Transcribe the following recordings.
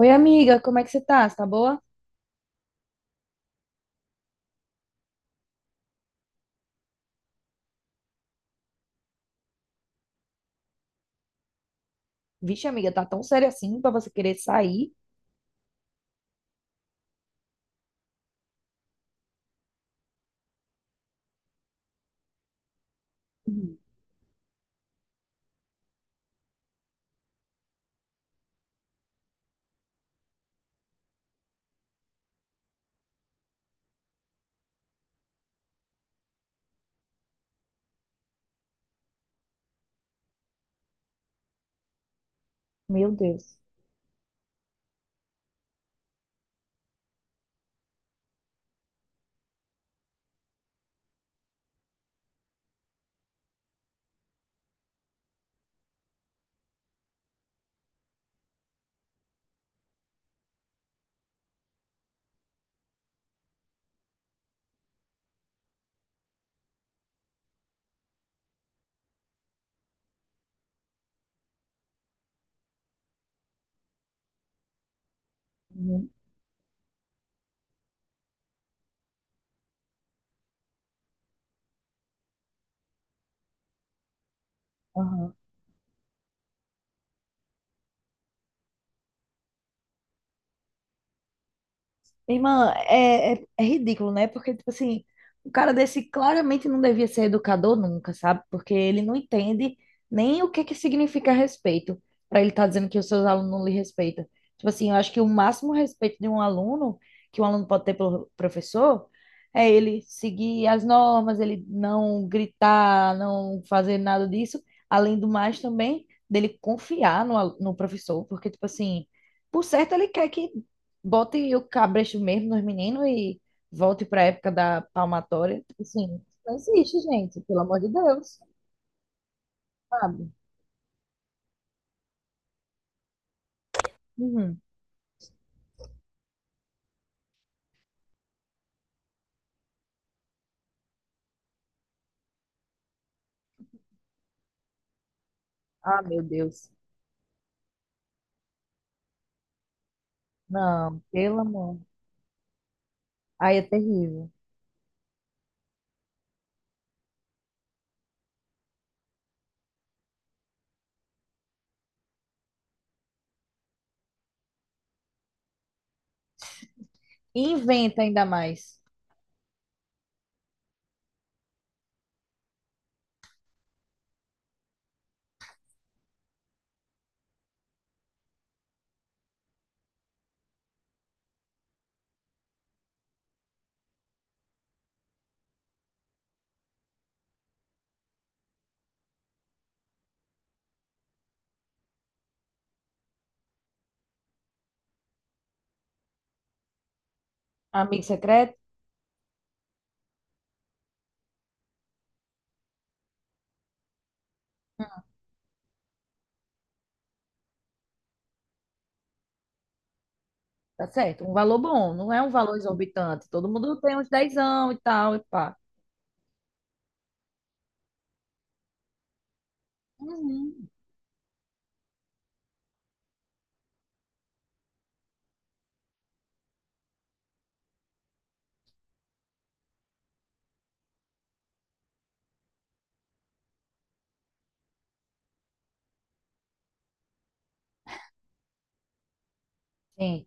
Oi, amiga, como é que você tá? Você tá boa? Vixe, amiga, tá tão sério assim pra você querer sair? Uhum. Meu Deus. Uhum. Aham. Irmã, é ridículo, né? Porque, tipo assim, o cara desse claramente não devia ser educador nunca, sabe? Porque ele não entende nem o que que significa respeito, para ele estar dizendo que os seus alunos não lhe respeitam. Tipo assim, eu acho que o máximo respeito de um aluno, que um aluno pode ter pelo professor, é ele seguir as normas, ele não gritar, não fazer nada disso. Além do mais, também, dele confiar no professor, porque, tipo assim, por certo, ele quer que bote o cabresto mesmo nos meninos e volte para a época da palmatória. Assim, não existe, gente, pelo amor de Deus, sabe? Uhum. Ah, meu Deus. Não, pelo amor. Aí é terrível. E inventa ainda mais. Amigo secreto, tá certo? Um valor bom, não é um valor exorbitante. Todo mundo tem uns dezão e tal, e pá. Uhum. Sim.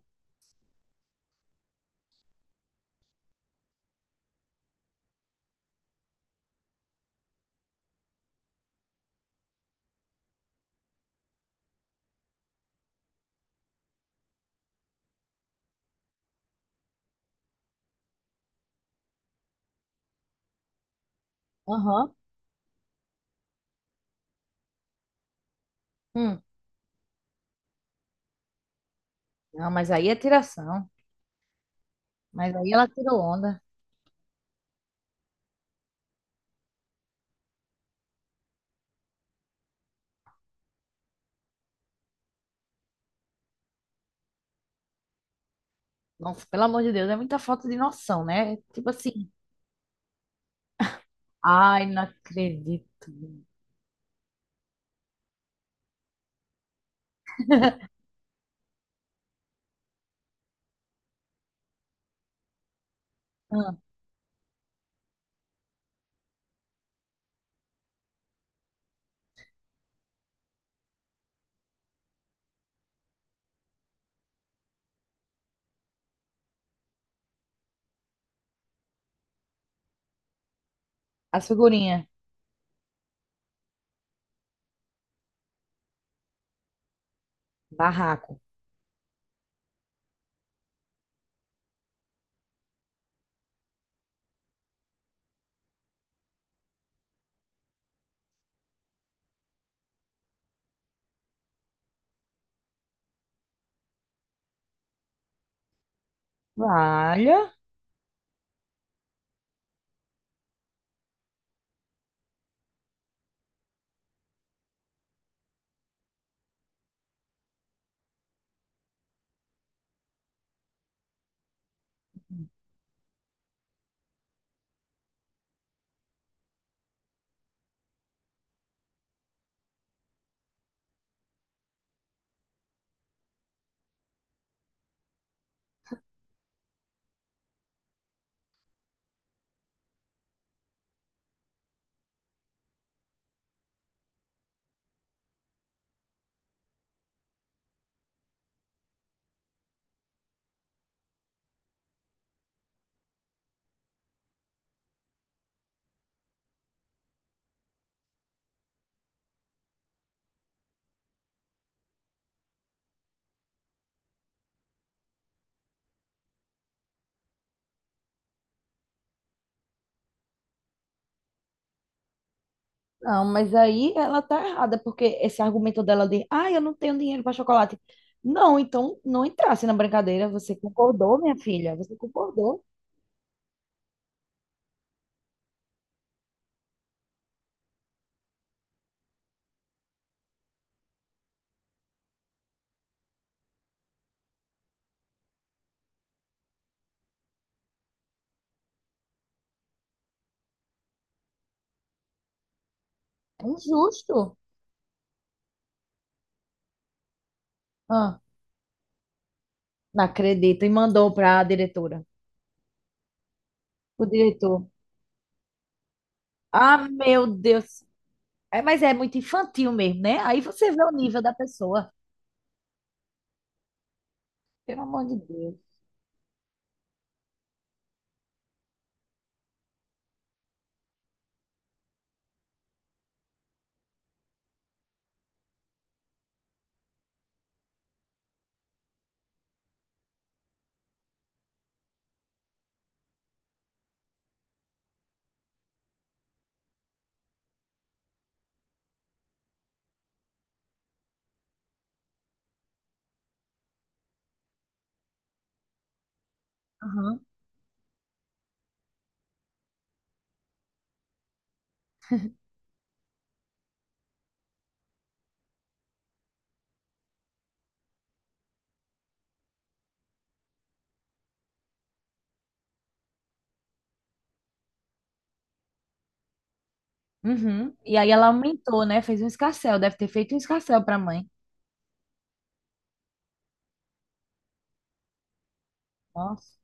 Aham. Hum. Não, mas aí é tiração. Mas aí ela tirou onda. Nossa, pelo amor de Deus, é muita falta de noção, né? Tipo assim, ai, não acredito. Ah, as figurinhas. Barraco. Olha. Não, mas aí ela tá errada, porque esse argumento dela de, ah, eu não tenho dinheiro para chocolate. Não, então não entrasse na brincadeira. Você concordou, minha filha? Você concordou? É injusto. Ah, não acredito. E mandou para a diretora. O diretor. Ah, meu Deus. É, mas é muito infantil mesmo, né? Aí você vê o nível da pessoa. Pelo amor de Deus. Aham. Uhum. E aí ela aumentou, né? Fez um escarcéu, deve ter feito um escarcéu para a mãe. Nossa.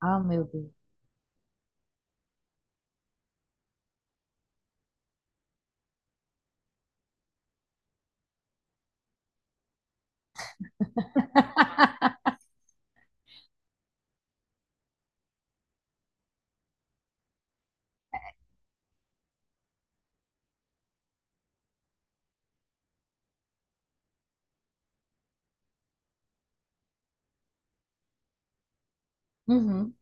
Ah, meu Deus. Uhum.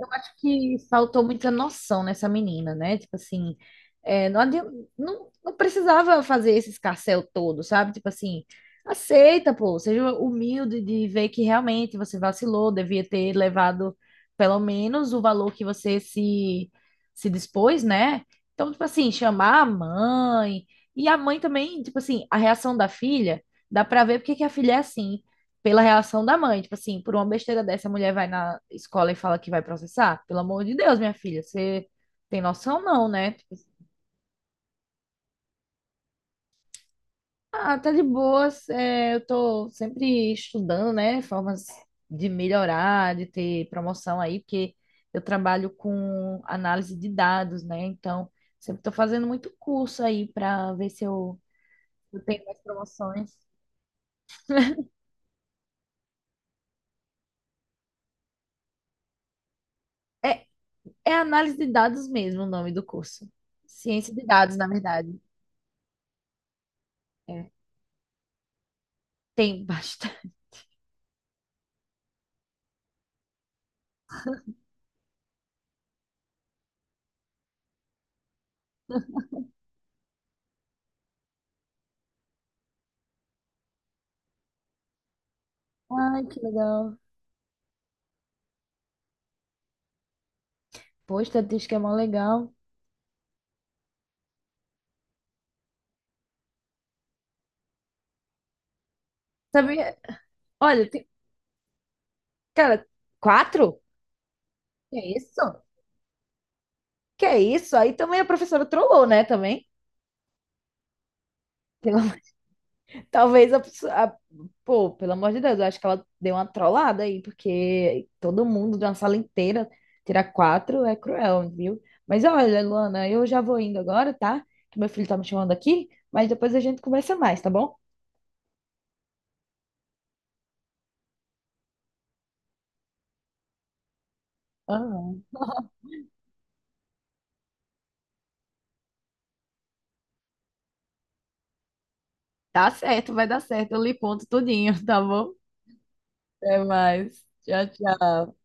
Eu acho que faltou muita noção nessa menina, né? Tipo assim, é, não, adi- não, não precisava fazer esse escarcéu todo, sabe? Tipo assim, aceita, pô, seja humilde de ver que realmente você vacilou, devia ter levado pelo menos o valor que você se, se dispôs, né? Então, tipo assim, chamar a mãe. E a mãe também, tipo assim, a reação da filha, dá pra ver porque que a filha é assim pela reação da mãe. Tipo assim, por uma besteira dessa, a mulher vai na escola e fala que vai processar. Pelo amor de Deus, minha filha, você tem noção não, né? Tipo, ah, tá de boas, é, eu tô sempre estudando, né? Formas de melhorar, de ter promoção aí, porque eu trabalho com análise de dados, né? Então, sempre tô fazendo muito curso aí para ver se eu, eu tenho mais promoções. É, é análise de dados mesmo o nome do curso. Ciência de dados, na verdade. É. Tem bastante. Ai, que legal. Pô, estatística é mó legal. Sabia? Olha, cara, quatro? Que é isso? Que é isso? Aí também a professora trollou, né? Também. Pelo- Talvez pô, pelo amor de Deus, eu acho que ela deu uma trollada aí, porque todo mundo de uma sala inteira tirar quatro é cruel, viu? Mas olha, Luana, eu já vou indo agora, tá? Que meu filho tá me chamando aqui, mas depois a gente conversa mais, tá bom? Ah, tá certo, vai dar certo. Eu lhe conto tudinho, tá bom? Até mais. Tchau, tchau.